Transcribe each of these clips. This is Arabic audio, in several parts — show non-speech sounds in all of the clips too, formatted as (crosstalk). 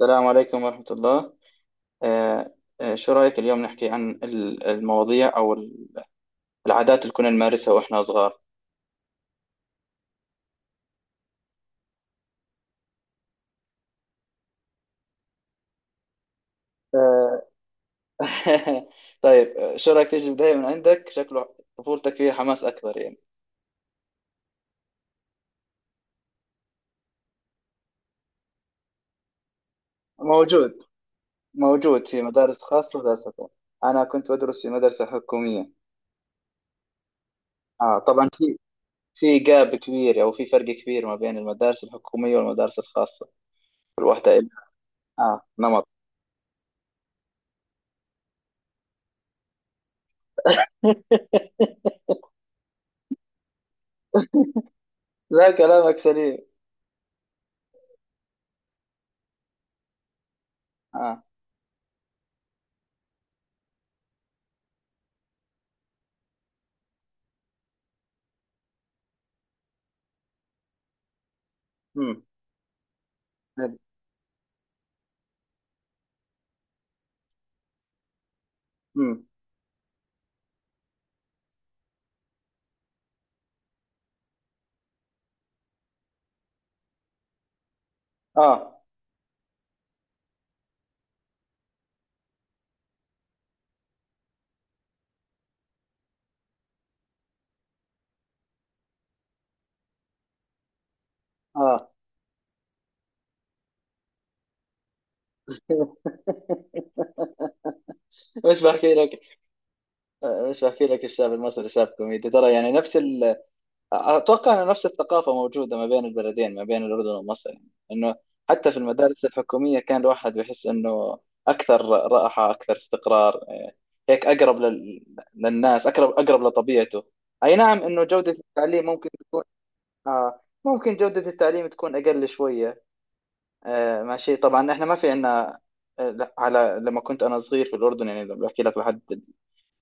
السلام عليكم ورحمة الله. آه، شو رأيك اليوم نحكي عن المواضيع أو العادات اللي كنا نمارسها وإحنا صغار؟ آه. (laughs) طيب، شو رأيك تيجي البداية من عندك؟ شكله طفولتك فيها حماس أكثر يعني. موجود. موجود في مدارس خاصة ومدارس حكومية. أنا كنت أدرس في مدرسة حكومية. آه، طبعا في جاب كبير، أو في فرق كبير ما بين المدارس الحكومية والمدارس الخاصة. كل واحدة إلها نمط. (laughs) لا، كلامك سليم. آه. مم. مم. اه، اه. (laughs) مش بحكي لك مش بحكي لك، الشعب المصري شعب كوميدي ترى، يعني نفس اتوقع ان نفس الثقافه موجوده ما بين البلدين، ما بين الاردن ومصر، يعني انه حتى في المدارس الحكوميه كان الواحد بيحس انه اكثر راحه، اكثر استقرار، إيه، هيك اقرب للناس، اقرب لطبيعته. اي نعم، انه جوده التعليم ممكن تكون. آه، ممكن جوده التعليم تكون اقل شويه. آه، ماشي، طبعا احنا ما في عندنا. لما كنت انا صغير في الاردن، يعني بحكي لك، لحد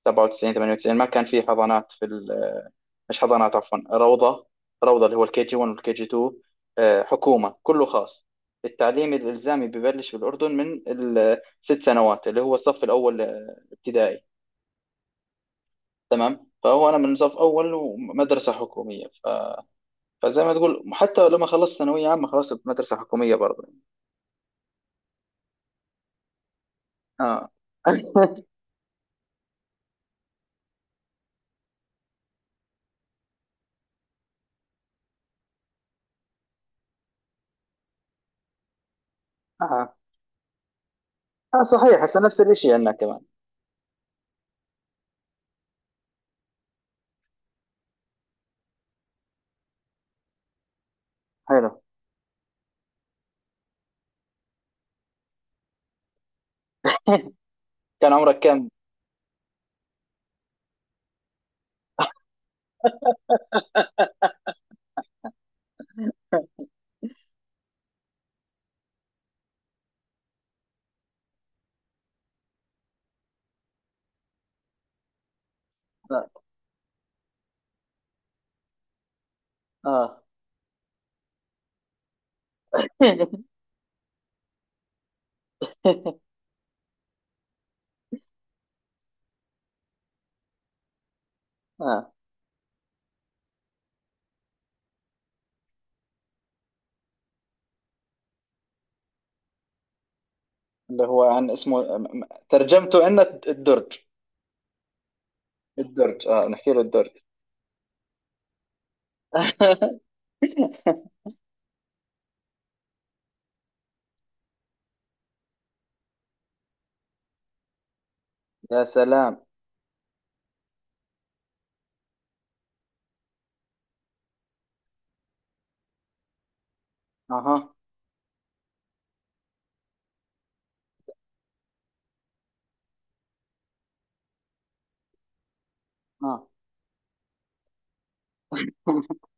97، 98، ما كان في حضانات في مش حضانات، عفوا، روضه. روضه، اللي هو الكي جي 1 والكي جي 2. آه، حكومه، كله خاص. التعليم الالزامي ببلش في الاردن من الست سنوات، اللي هو الصف الاول ابتدائي. تمام. فهو انا من صف اول ومدرسه حكوميه، فزي ما تقول، حتى لما خلصت ثانويه عامه خلصت مدرسه حكوميه برضه. اه. (laughs) اه، صحيح، هسه نفس الشيء عندنا كمان. حلو. كان عمرك كم؟ اه، اه. (laughs) آه. اللي هو اسمه، ترجمته عندنا الدرج. الدرج، اه، نحكي له الدرج. (laughs) يا سلام. اها، اه. (laughs)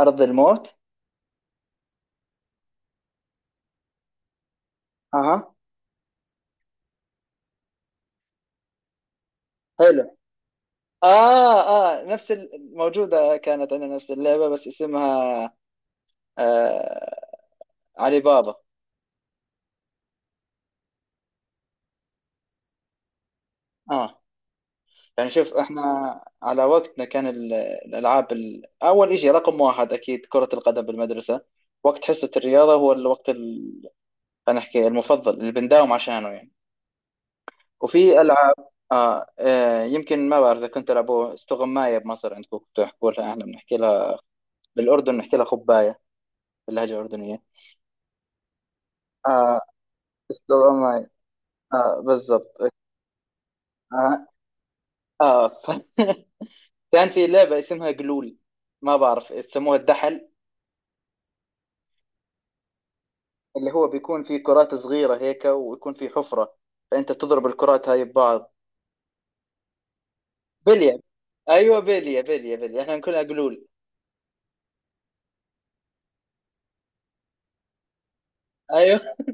ارض الموت. اها، حلو، اه، اه. نفس الموجودة كانت عندنا، نفس اللعبة بس اسمها آه علي بابا. اه، يعني شوف احنا على وقتنا كان الالعاب، اول شيء رقم واحد اكيد كرة القدم بالمدرسة. وقت حصة الرياضة هو الوقت خلينا نحكي المفضل اللي بنداوم عشانه يعني. وفي العاب. يمكن ما بعرف اذا كنت تلعبوا استغماية بمصر، عندكم كنتوا تحكوا لها، احنا بنحكي لها بالاردن، بنحكي لها خباية، باللهجة الأردنية. آه، استغماية. آه، بالضبط. آه, آه ف... (laughs) كان في لعبة اسمها قلول، ما بعرف يسموها الدحل. اللي هو بيكون في كرات صغيرة هيك ويكون في حفرة، فأنت تضرب الكرات هاي ببعض. بلية. أيوة، بلية، بلية، بلية، إحنا نقولها قلول. أيوة. (laughs)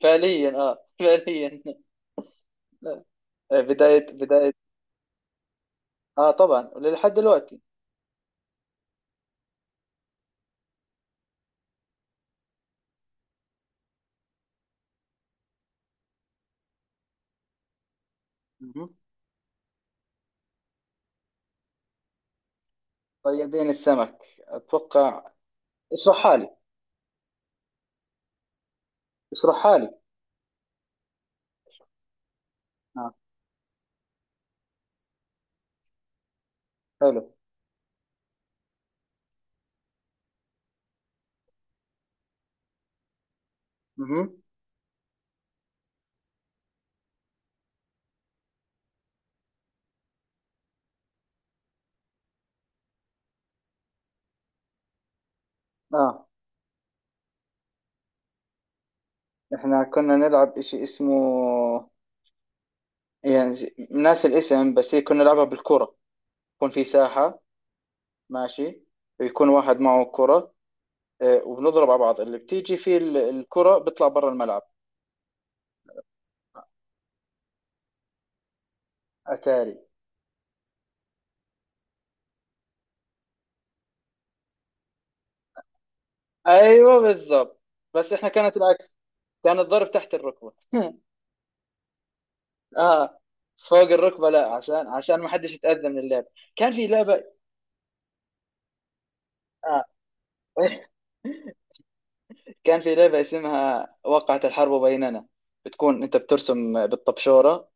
فعليا، فعليا. بداية بداية. آه، طبعا لحد دلوقتي. مهم. طيبين السمك أتوقع. اشرحها لي، اشرحها لي. آه. حلو. مهم. آه، إحنا كنا نلعب إشي اسمه، يعني ناس الاسم، بس هي كنا نلعبها بالكرة. يكون في ساحة، ماشي، يكون واحد معه كرة، آه، وبنضرب على بعض، اللي بتيجي فيه الكرة بيطلع برا الملعب. أتاري. أيوة، بالضبط، بس إحنا كانت العكس، كان الضرب تحت الركبة. (laughs) آه، فوق الركبة لا، عشان ما حدش يتأذى من اللعب. كان في لعبة، آه. (laughs) كان في لعبة اسمها وقعت الحرب بيننا. بتكون أنت بترسم بالطبشورة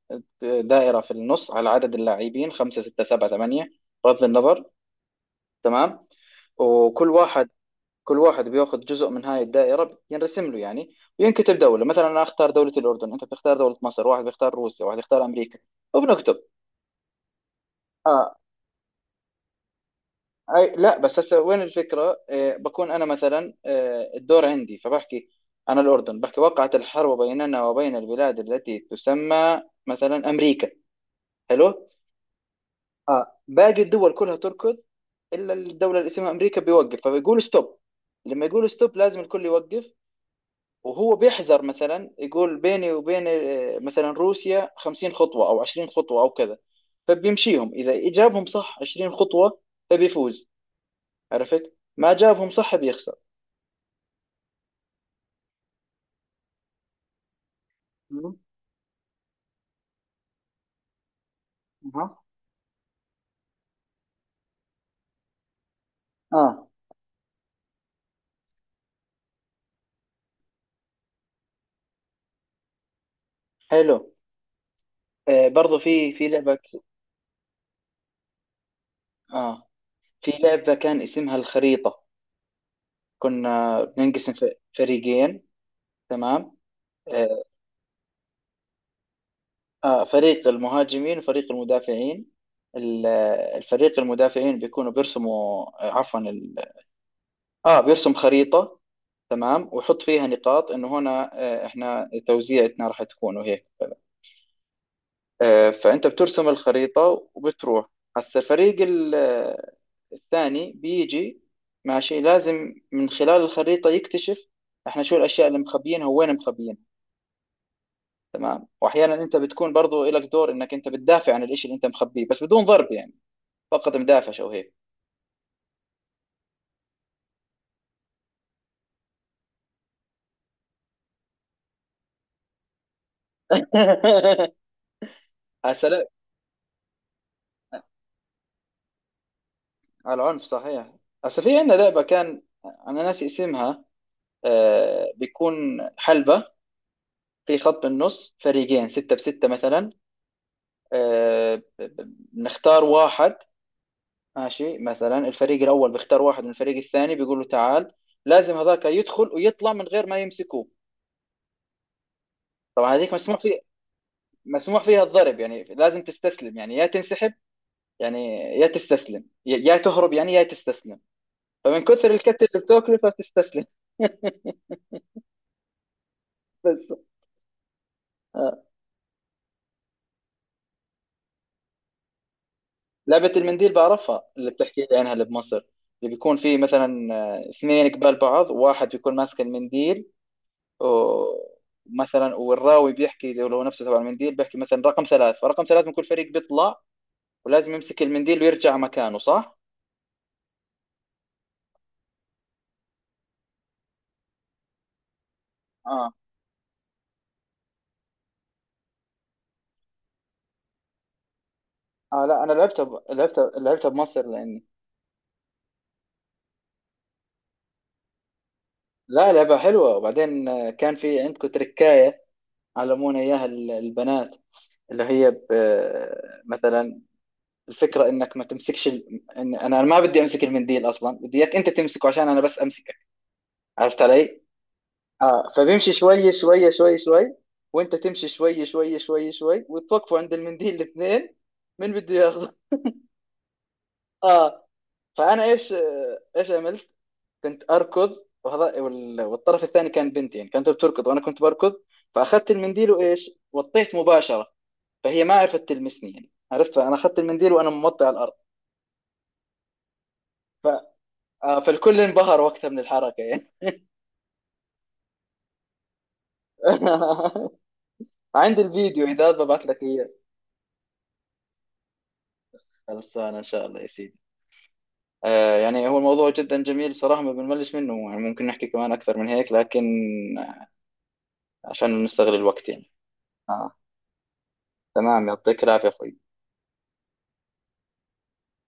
دائرة في النص على عدد اللاعبين، خمسة، ستة، سبعة، ثمانية، بغض النظر. تمام. وكل واحد، كل واحد بياخذ جزء من هاي الدائرة، ينرسم له يعني، وينكتب دولة. مثلا أنا أختار دولة الأردن، أنت بتختار دولة مصر، واحد بيختار روسيا، واحد يختار أمريكا، وبنكتب. آه، أي لا، بس هسه وين الفكرة؟ آه، بكون أنا مثلا، آه، الدور عندي، فبحكي: أنا الأردن، بحكي وقعت الحرب بيننا وبين البلاد التي تسمى مثلا أمريكا. حلو. آه، باقي الدول كلها تركض إلا الدولة اللي اسمها أمريكا، بيوقف فبيقول ستوب. لما يقول ستوب لازم الكل يوقف. وهو بيحذر، مثلا يقول بيني وبين، آه، مثلا روسيا، 50 خطوة أو 20 خطوة أو كذا. فبيمشيهم، إذا جابهم صح 20 خطوة فبيفوز، عرفت. ما جابهم صح بيخسر. مم. أها، آه، حلو. آه، برضو آه في لعبة كان اسمها الخريطة. كنا بننقسم فريقين. تمام. آه فريق المهاجمين وفريق المدافعين. ال- الفريق المدافعين بيكونوا بيرسموا، آه، عفوا، اه، بيرسم خريطة. تمام، ويحط فيها نقاط انه هنا، آه، احنا توزيعتنا راح تكون وهيك. آه، فانت بترسم الخريطة وبتروح. هسا الفريق الثاني بيجي، ماشي، لازم من خلال الخريطة يكتشف احنا شو الاشياء اللي مخبيينها، وين مخبيينها. تمام. واحيانا انت بتكون برضو لك دور، انك انت بتدافع عن الاشي اللي انت مخبيه، بس بدون ضرب يعني، فقط مدافع او هيك. (laughs) هسا لا، على العنف صحيح. هسا في عندنا لعبة كان، انا ناسي اسمها. آه، بيكون حلبة، في خط بالنص، فريقين، ستة بستة مثلا. آه، بنختار واحد. ماشي، مثلا الفريق الأول بيختار واحد من الفريق الثاني بيقول له تعال، لازم هذاك يدخل ويطلع من غير ما يمسكوه. طبعا هذيك مسموح فيها الضرب يعني، لازم تستسلم، يعني يا تنسحب يعني، يا تستسلم، يا تهرب، يعني يا تستسلم، فمن كثر الكتل اللي بتاكله فبتستسلم. (laughs) بس. لعبة المنديل بعرفها، اللي بتحكي لي عنها، اللي بمصر. اللي بيكون في مثلا، آه، اثنين قبال بعض، واحد بيكون ماسك المنديل. ومثلا، والراوي بيحكي، لو نفسه تبع المنديل، بيحكي مثلا رقم ثلاث، فرقم ثلاث من كل فريق بيطلع، ولازم يمسك المنديل ويرجع مكانه، صح؟ اه. اه، لا، انا لعبتها ب... لعبتها لعبتها بمصر لاني. لا، لعبة حلوة. وبعدين آه، كان في عندكم تركاية، علمونا اياها البنات، اللي هي ب... آه، مثلا الفكرة انك ما تمسكش إن انا ما بدي امسك المنديل اصلا، بدي اياك انت تمسكه عشان انا بس امسكك. عرفت علي؟ اه، فبيمشي شوي شوي شوي شوي، وانت تمشي شوي شوي شوي شوي، وتوقفوا عند المنديل الاثنين. مين بده ياخذه؟ (laughs) اه. فانا، ايش عملت؟ كنت اركض، وهذا والطرف الثاني كان بنت، يعني كانت بتركض وانا كنت بركض. فاخذت المنديل، وايش؟ وطيت مباشرة. فهي ما عرفت تلمسني، يعني عرفت، فانا اخذت المنديل وانا موطي على الارض. ف... آه، فالكل انبهر وقتها من الحركة يعني. (laughs) عندي الفيديو، اذا ببعت لك اياه. خلصانه ان شاء الله يا سيدي. آه، يعني هو الموضوع جدا جميل صراحه، ما بنملش منه، يعني ممكن نحكي كمان اكثر من هيك، لكن عشان نستغل الوقت يعني. آه، تمام، يعطيك العافيه اخوي.